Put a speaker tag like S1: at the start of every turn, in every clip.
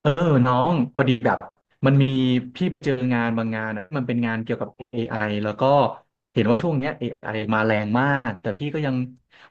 S1: เออน้องพอดีแบบมันมีพี่เจองานบางงานอะมันเป็นงานเกี่ยวกับ AI แล้วก็เห็นว่าช่วงเนี้ย AI มาแรงมากแต่พี่ก็ยัง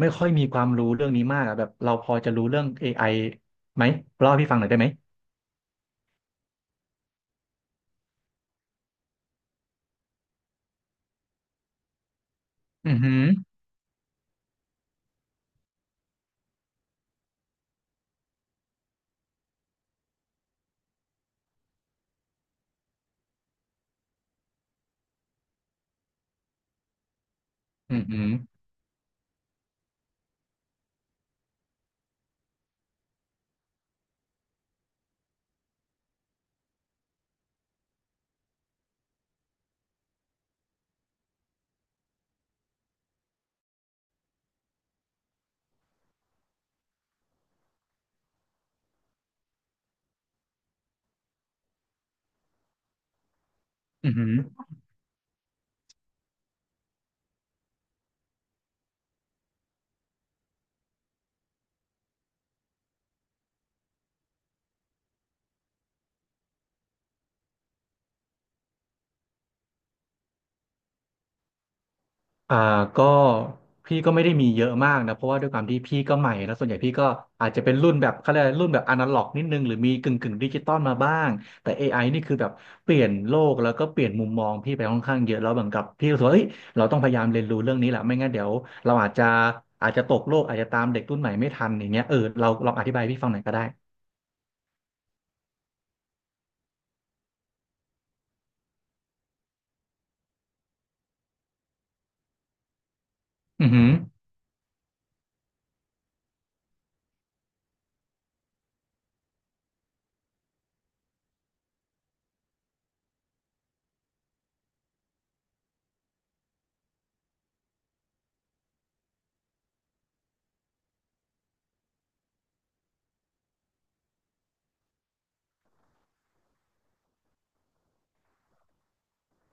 S1: ไม่ค่อยมีความรู้เรื่องนี้มากอะแบบเราพอจะรู้เรื่อง AIไหมเล่าให้พี่ฟังหน่อยได้ไหมอือหืออือหืออือหือ อ่าก็พี่ก็ไม่ได้มีเยอะมากนะเพราะว่าด้วยความที่พี่ก็ใหม่แล้วส่วนใหญ่พี่ก็อาจจะเป็นรุ่นแบบเขาเรียกอะไรรุ่นแบบอนาล็อกนิดนึงหรือมีกึ่งดิจิตอลมาบ้างแต่ AI นี่คือแบบเปลี่ยนโลกแล้วก็เปลี่ยนมุมมองพี่ไปค่อนข้างเยอะแล้วเหมือนกับพี่รู้สึกว่าเอ้ยเราต้องพยายามเรียนรู้เรื่องนี้แหละไม่งั้นเดี๋ยวเราอาจจะตกโลกอาจจะตามเด็กรุ่นใหม่ไม่ทันอย่างเงี้ยเออเราลองอธิบายให้พี่ฟังหน่อยก็ได้อือหือ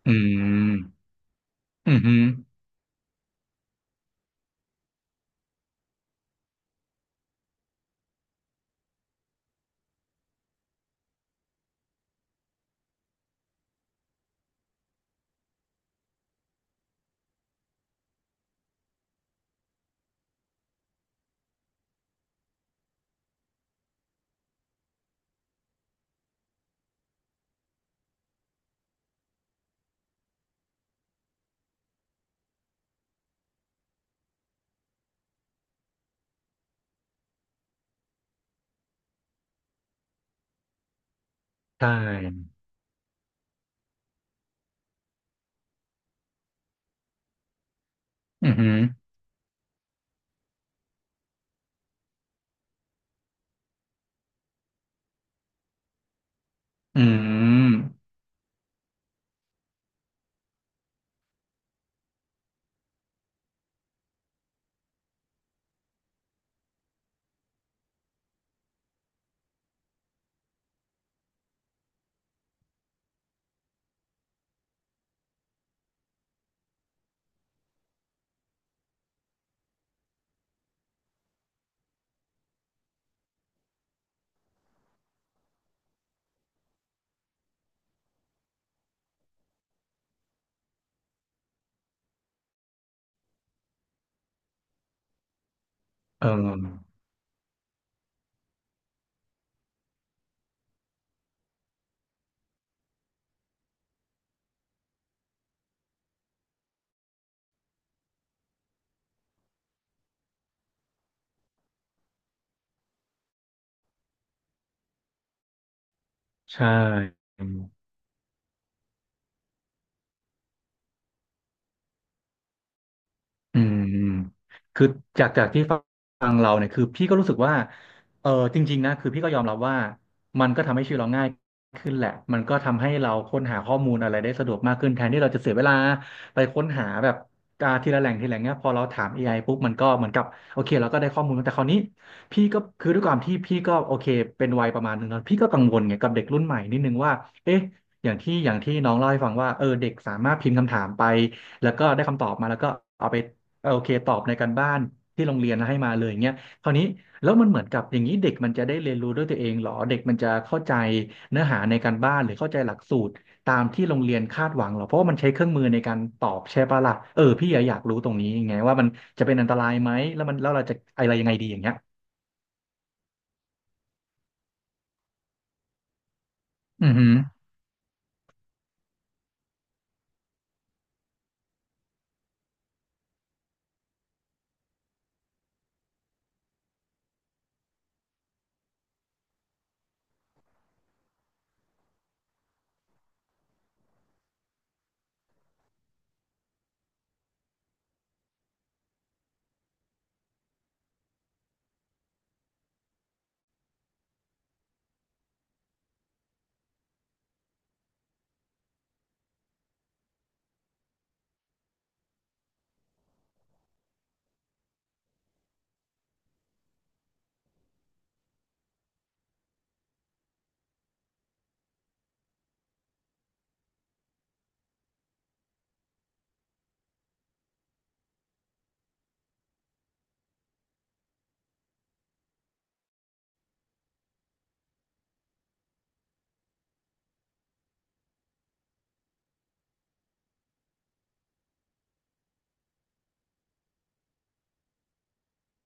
S1: อืมอือหือใช่อือหืออืมเออใช่ อืมอืมคือจากที่ฟังเราเนี่ยคือพี่ก็รู้สึกว่าเออจริงๆนะคือพี่ก็ยอมรับว่ามันก็ทำให้ชีวิตเราง่ายขึ้นแหละมันก็ทำให้เราค้นหาข้อมูลอะไรได้สะดวกมากขึ้นแทนที่เราจะเสียเวลาไปค้นหาแบบทีละแหล่งทีละแหล่งเนี้ยพอเราถาม a อไอปุ๊บมันก็เหมือนกับโอเคเราก็ได้ข้อมูลแต่คราวนี้พี่ก็คือด้วยความที่พี่ก็โอเคเป็นวัยประมาณหนึ่งแล้วพี่ก็กังวลไงกับเด็กรุ่นใหม่นิดนึงว่าเอ๊ะอย่างที่น้องเล่าให้ฟังว่าเออเด็กสามารถพิมพ์คำถามไปแล้วก็ได้คำตอบมาแล้วก็เอาไป เออโอเคตอบในการบ้านที่โรงเรียนให้มาเลยเงี้ยคราวนี้แล้วมันเหมือนกับอย่างนี้เด็กมันจะได้เรียนรู้ด้วยตัวเองเหรอเด็กมันจะเข้าใจเนื้อหาในการบ้านหรือเข้าใจหลักสูตรตามที่โรงเรียนคาดหวังเหรอเพราะว่ามันใช้เครื่องมือในการตอบใช่ปะล่ะเออพี่อยากรู้ตรงนี้ไงว่ามันจะเป็นอันตรายไหมแล้วมันแล้วเราจะอะไรยังไงดีอย่างเงี้ยอือหือ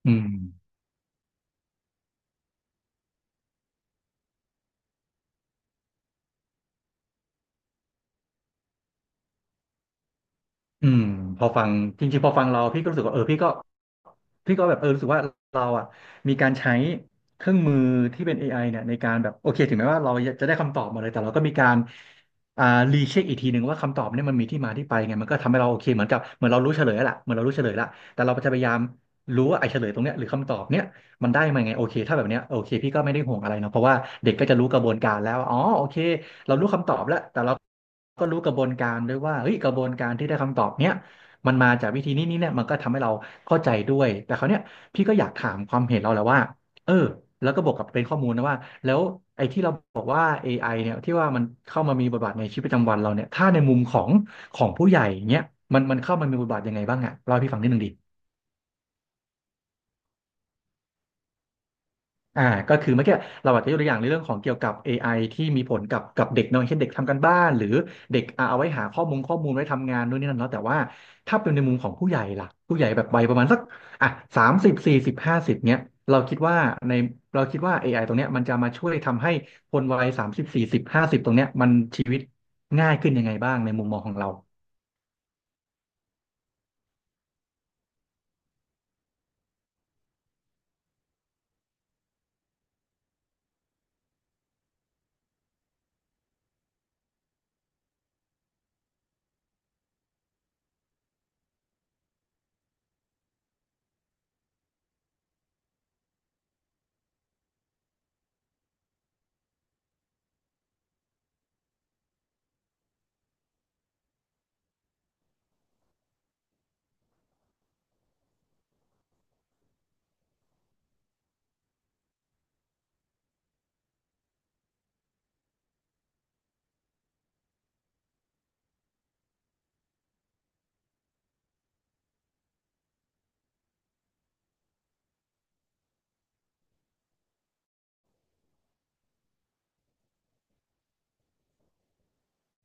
S1: อืม อืมพอฟังจริงๆพอฟังเราพี่ก็รู้สึกว่าเออพี่ก็แบบเออรู้สึกว่าเราอ่ะมีการใช้เครื่องมือที่เป็น AI เนี่ยในการแบบโอเคถึงแม้ว่าเราจะได้คำตอบมาเลยแต่เราก็มีการอ่ารีเช็คอีกทีหนึ่งว่าคำตอบเนี่ยมันมีที่มาที่ไปไงมันก็ทำให้เราโอเคเหมือนกับเหมือนเรารู้เฉลยแล้วล่ะเหมือนเรารู้เฉลยละแต่เราจะพยายามรู้ว่าไอ้เฉลยตรงเนี้ยหรือคำตอบเนี้ย มันได้มาไงโอเคถ้าแบบเนี้ยโอเคพี่ก็ไม่ได้ห่วงอะไรเนาะเพราะว่าเด็กก็จะรู้กระบวนการแล้วอ๋อโอเคเรารู้คำตอบแล้วแต่เราก็รู้กระบวนการด้วยว่าเฮ้ยกระบวนการที่ได้คำตอบเนี้ยมันมาจากวิธีนี้นี่เนี่ยมันก็ทำให้เราเข้าใจด้วยแต่คราวเนี้ยพี่ก็อยากถามความเห็นเราแหละว่าเออแล้วก็บวกกับเป็นข้อมูลนะว่าแล้วไอ้ที่เราบอกว่า AI เนี่ยที่ว่ามันเข้ามามีบทบาทในชีวิตประจำวันเราเนี่ยถ้าในมุมของผู้ใหญ่เนี้ยมันเข้ามามีบทบาทยังไงบ้างอะเล่าให้พี่ฟังนิดนึงดิ อ่าก็คือเมื่อกี้เราอาจจะยกตัวอย่างในเรื่องของเกี่ยวกับ AI ที่มีผลกับเด็กเนาะเช่นเด็กทำการบ้านหรือเด็กเอาไว้หาข้อมูลไว้ทำงานนู่นนี่นั่นเนาะแต่ว่าถ้าเป็นในมุมของผู้ใหญ่ล่ะผู้ใหญ่แบบวัยประมาณสักอ่ะสามสิบสี่สิบห้าสิบเนี้ยเราคิดว่าในเราคิดว่า AI ตรงเนี้ยมันจะมาช่วยทำให้คนวัยสามสิบสี่สิบห้าสิบตรงเนี้ยชีวิตง่ายขึ้นยังไงบ้างในมุมมองของเรา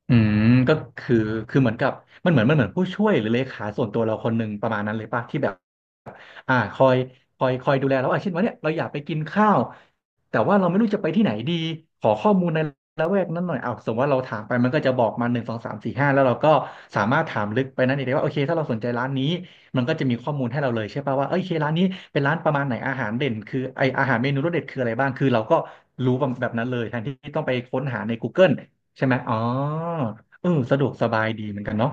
S1: อืมก็คือคือเหมือนกับมันเหมือนผู้ช่วยหรือเลขาส่วนตัวเราคนหนึ่งประมาณนั้นเลยป่ะที่แบบ คอยคอยดูแลเราอ่ะเช่นว่าเนี่ยเราอยากไปกินข้าวแต่ว่าเราไม่รู้จะไปที่ไหนดีขอข้อมูลในละแวกนั้นหน่อยอ้าวสมมติว่าเราถามไปมันก็จะบอกมา1 2 3 4 5แล้วเราก็สามารถถามลึกไปนั้นเองได้ว่าโอเคถ้าเราสนใจร้านนี้มันก็จะมีข้อมูลให้เราเลยใช่ป่ะว่าเอ้ยโอเคร้านนี้เป็นร้านประมาณไหนอาหารเด่นคือไออาหารเมนูรสเด็ดคืออะไรบ้างคือเราก็รู้แบบนั้นเลยแทนที่ต้องไปค้นหาใน Google ใช่ไหมอ๋อเออสะดวกสบายดีเหมือนกันเนาะ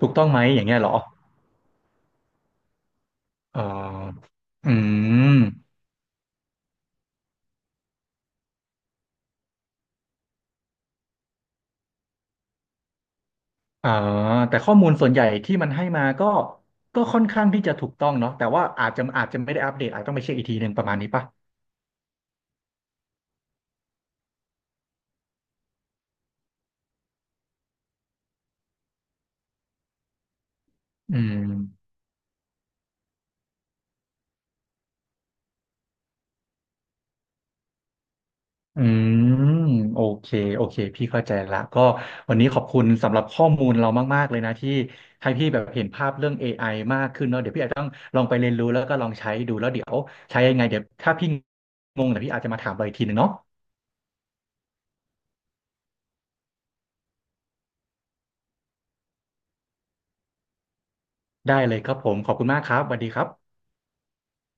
S1: ถูกต้องไหมอย่างเงี้ยเหรออ๋ออืม อ่าแต่ข้อมูลส่วนใหญ่ที่มันให้มาก็ค่อนข้างที่จะถูกต้องเนาะแต่ว่าอาจจะไม่ได้อัปเดตอาจต้องไปเช็คอีกทีหนึ่งประมาณนี้ป่ะอืมอืมโอเคโอเคพี่เข้าใจละก็วันนี้ขอบคุณสำหรับข้อมูลเรามากๆเลยนะที่ให้พี่แบบเห็นภาพเรื่องเอไอมากขึ้นเนาะเดี๋ยวพี่อาจจะต้องลองไปเรียนรู้แล้วก็ลองใช้ดูแล้วเดี๋ยวใช้ยังไงเดี๋ยวถ้าพี่งงเดี๋ยวพี่อาจจะมาถามเราอีกทีหนึ่งเนาะได้เลยครับผมขอบคุณมากครับสวัสดีครับ